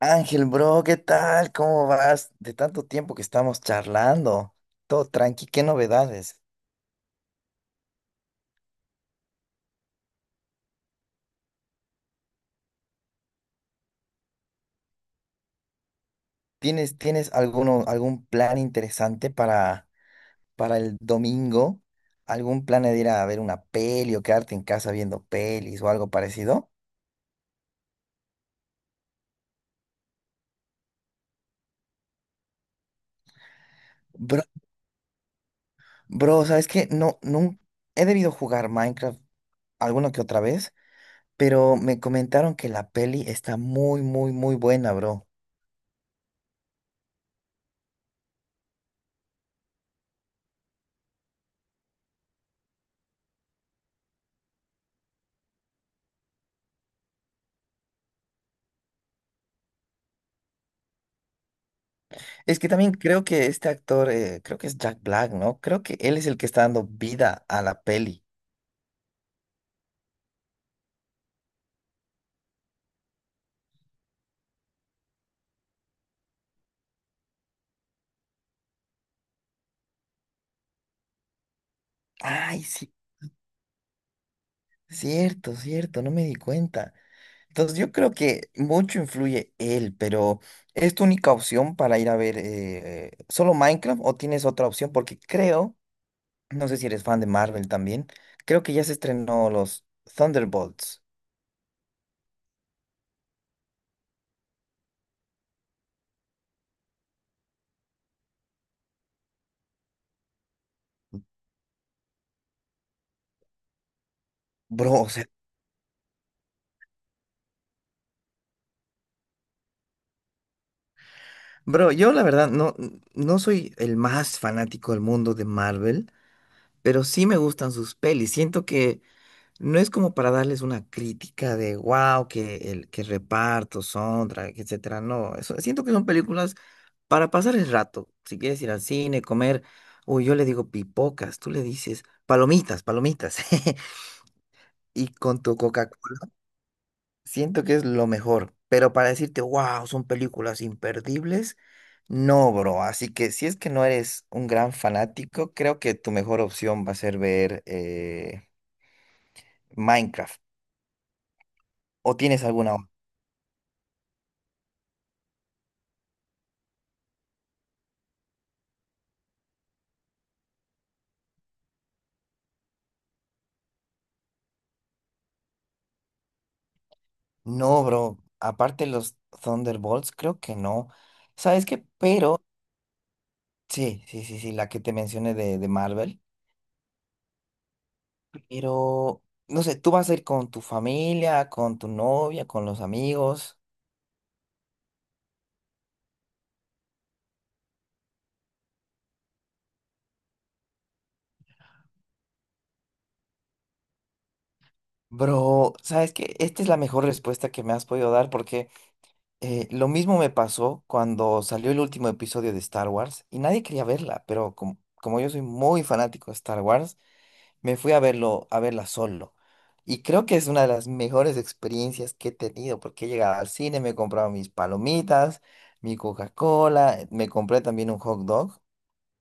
Ángel, bro, ¿qué tal? ¿Cómo vas? De tanto tiempo que estamos charlando. Todo tranqui, ¿qué novedades? ¿Tienes alguno, algún plan interesante para el domingo? ¿Algún plan de ir a ver una peli o quedarte en casa viendo pelis o algo parecido? Bro, bro, ¿sabes qué? No, no, he debido jugar Minecraft alguna que otra vez, pero me comentaron que la peli está muy, muy, muy buena, bro. Es que también creo que este actor, creo que es Jack Black, ¿no? Creo que él es el que está dando vida a la peli. Ay, sí, cierto, cierto, no me di cuenta. Entonces yo creo que mucho influye él, pero ¿es tu única opción para ir a ver solo Minecraft o tienes otra opción? Porque creo, no sé si eres fan de Marvel también, creo que ya se estrenó los Thunderbolts. Bro, o sea, bro, yo la verdad no, no soy el más fanático del mundo de Marvel. Pero sí me gustan sus pelis. Siento que no es como para darles una crítica de wow, que el que reparto, soundtrack, etcétera. No, eso, siento que son películas para pasar el rato. Si quieres ir al cine, comer, uy, yo le digo pipocas, tú le dices palomitas, palomitas. Y con tu Coca-Cola, siento que es lo mejor. Pero para decirte, wow, son películas imperdibles, no, bro. Así que si es que no eres un gran fanático, creo que tu mejor opción va a ser ver Minecraft. ¿O tienes alguna otra? No, bro. Aparte los Thunderbolts, creo que no. ¿Sabes qué? Pero, sí, sí, sí, sí, la que te mencioné de Marvel. Pero, no sé, tú vas a ir con tu familia, con tu novia, con los amigos. Bro, ¿sabes qué? Esta es la mejor respuesta que me has podido dar porque lo mismo me pasó cuando salió el último episodio de Star Wars y nadie quería verla, pero como yo soy muy fanático de Star Wars, me fui a verlo, a verla solo. Y creo que es una de las mejores experiencias que he tenido, porque he llegado al cine, me he comprado mis palomitas, mi Coca-Cola, me compré también un hot dog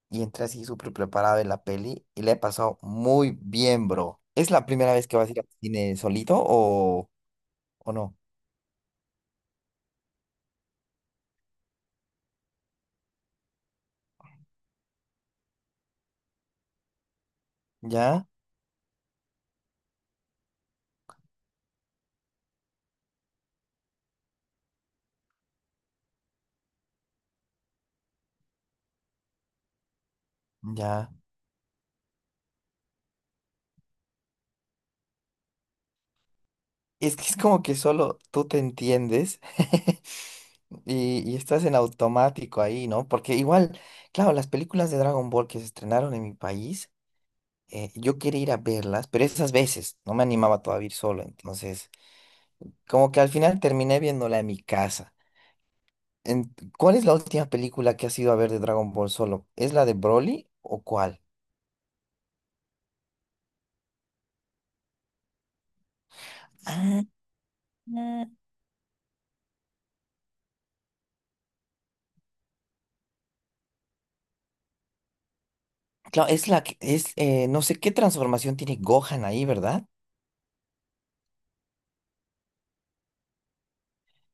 y entré así súper preparado en la peli y le he pasado muy bien, bro. ¿Es la primera vez que vas a ir al cine solito o no? ¿Ya? Ya. Es que es como que solo tú te entiendes. Y, y estás en automático ahí, ¿no? Porque igual, claro, las películas de Dragon Ball que se estrenaron en mi país, yo quería ir a verlas, pero esas veces no me animaba todavía a ir solo. Entonces, como que al final terminé viéndola en mi casa. En- ¿cuál es la última película que has ido a ver de Dragon Ball solo? ¿Es la de Broly o cuál? Ah, ah, claro, es la que es, no sé qué transformación tiene Gohan ahí, ¿verdad?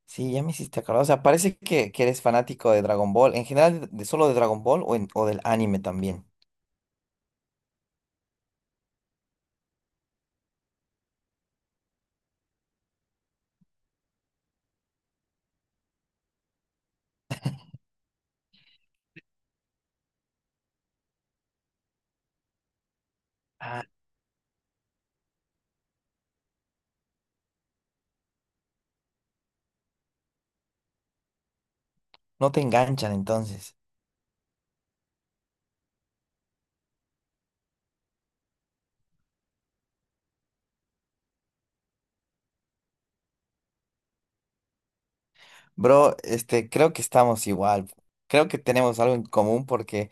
Sí, ya me hiciste acordar. O sea, parece que eres fanático de Dragon Ball. En general, de solo de Dragon Ball o, en- o del anime también. Ah, no te enganchan entonces. Bro, este, creo que estamos igual. Creo que tenemos algo en común porque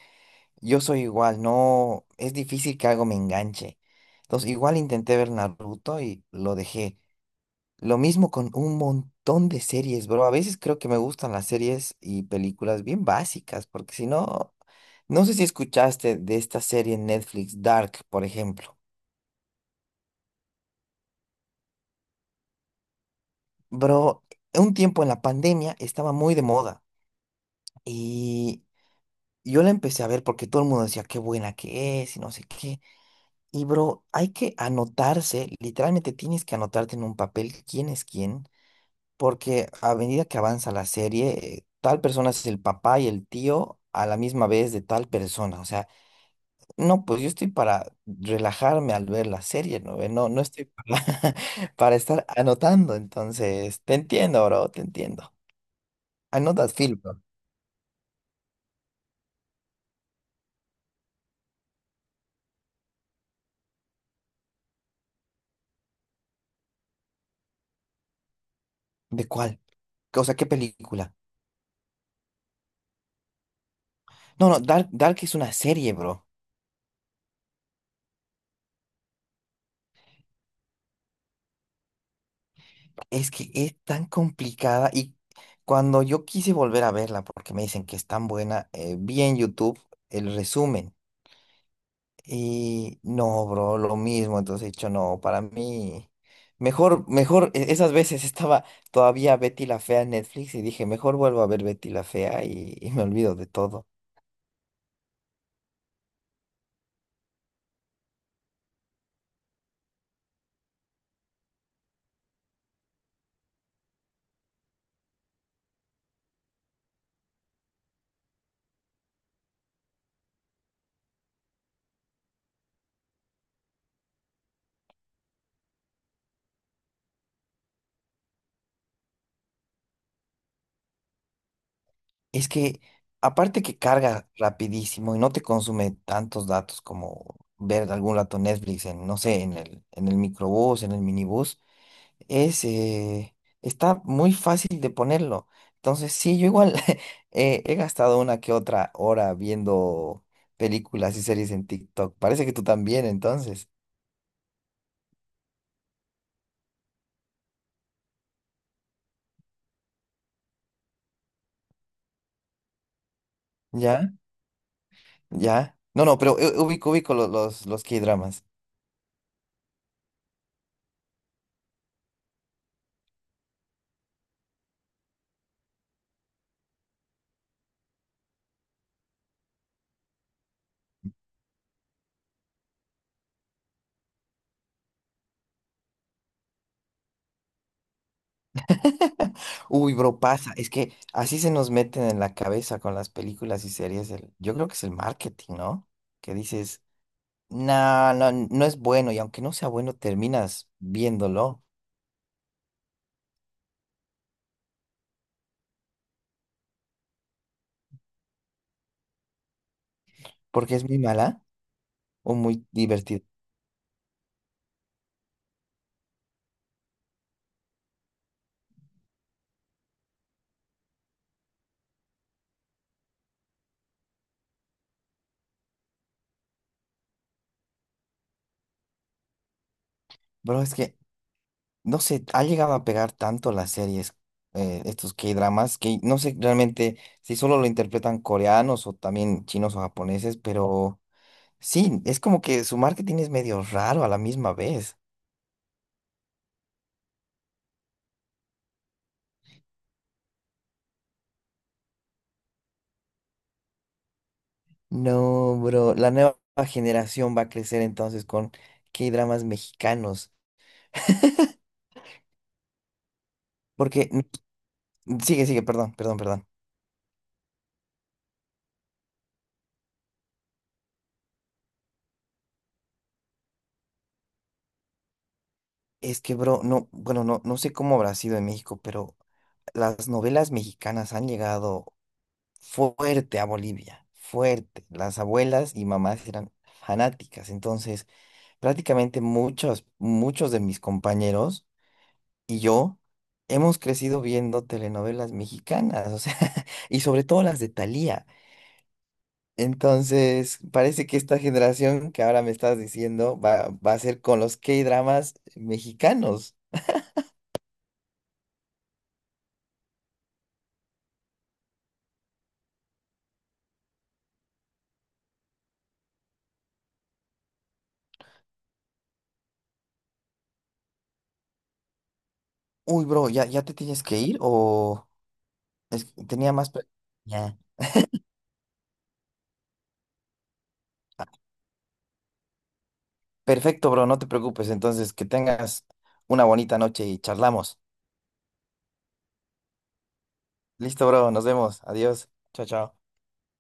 yo soy igual. No, es difícil que algo me enganche. Entonces, igual intenté ver Naruto y lo dejé. Lo mismo con un montón de series, bro. A veces creo que me gustan las series y películas bien básicas, porque si no, no sé si escuchaste de esta serie en Netflix, Dark, por ejemplo. Bro, un tiempo en la pandemia estaba muy de moda y yo la empecé a ver porque todo el mundo decía qué buena que es y no sé qué. Y bro, hay que anotarse, literalmente tienes que anotarte en un papel quién es quién. Porque a medida que avanza la serie, tal persona es el papá y el tío a la misma vez de tal persona. O sea, no, pues yo estoy para relajarme al ver la serie, ¿no? ¿Ve? No, no estoy para, para estar anotando. Entonces, te entiendo, bro, te entiendo. Anotas film, bro. ¿De cuál? O sea, ¿qué película? No, no, Dark, Dark es una serie, bro. Es que es tan complicada y cuando yo quise volver a verla, porque me dicen que es tan buena, vi en YouTube el resumen. Y no, bro, lo mismo. Entonces he dicho, no, para mí, mejor, mejor, e- esas veces estaba todavía Betty la Fea en Netflix y dije, mejor vuelvo a ver Betty la Fea y me olvido de todo. Es que, aparte que carga rapidísimo y no te consume tantos datos como ver algún rato Netflix en, no sé, en el microbús, en el minibús. Es, está muy fácil de ponerlo. Entonces, sí, yo igual he gastado una que otra hora viendo películas y series en TikTok. Parece que tú también, entonces. ¿Ya? ¿Ya? No, no, pero ubico, ubico lo- los K-dramas. Uy, bro, pasa. Es que así se nos meten en la cabeza con las películas y series. El- yo creo que es el marketing, ¿no? Que dices, no, no, no es bueno. Y aunque no sea bueno, terminas viéndolo porque es muy mala. O muy divertido. Pero es que, no sé, ha llegado a pegar tanto las series, estos K-dramas, que no sé realmente si solo lo interpretan coreanos o también chinos o japoneses, pero sí, es como que su marketing es medio raro a la misma vez. No, bro, la nueva generación va a crecer entonces con K-dramas mexicanos, porque, n- sigue, sigue, perdón, perdón, perdón. Es que, bro, no, bueno, no, no sé cómo habrá sido en México, pero las novelas mexicanas han llegado fuerte a Bolivia, fuerte. Las abuelas y mamás eran fanáticas, entonces prácticamente muchos, muchos de mis compañeros y yo hemos crecido viendo telenovelas mexicanas, o sea, y sobre todo las de Thalía. Entonces, parece que esta generación que ahora me estás diciendo va, va a ser con los K-dramas mexicanos. Uy, bro, ¿ya, ya te tienes que ir o es- tenía más... pre- Ya. Perfecto, bro, no te preocupes. Entonces, que tengas una bonita noche y charlamos. Listo, bro, nos vemos. Adiós. Chao, chao.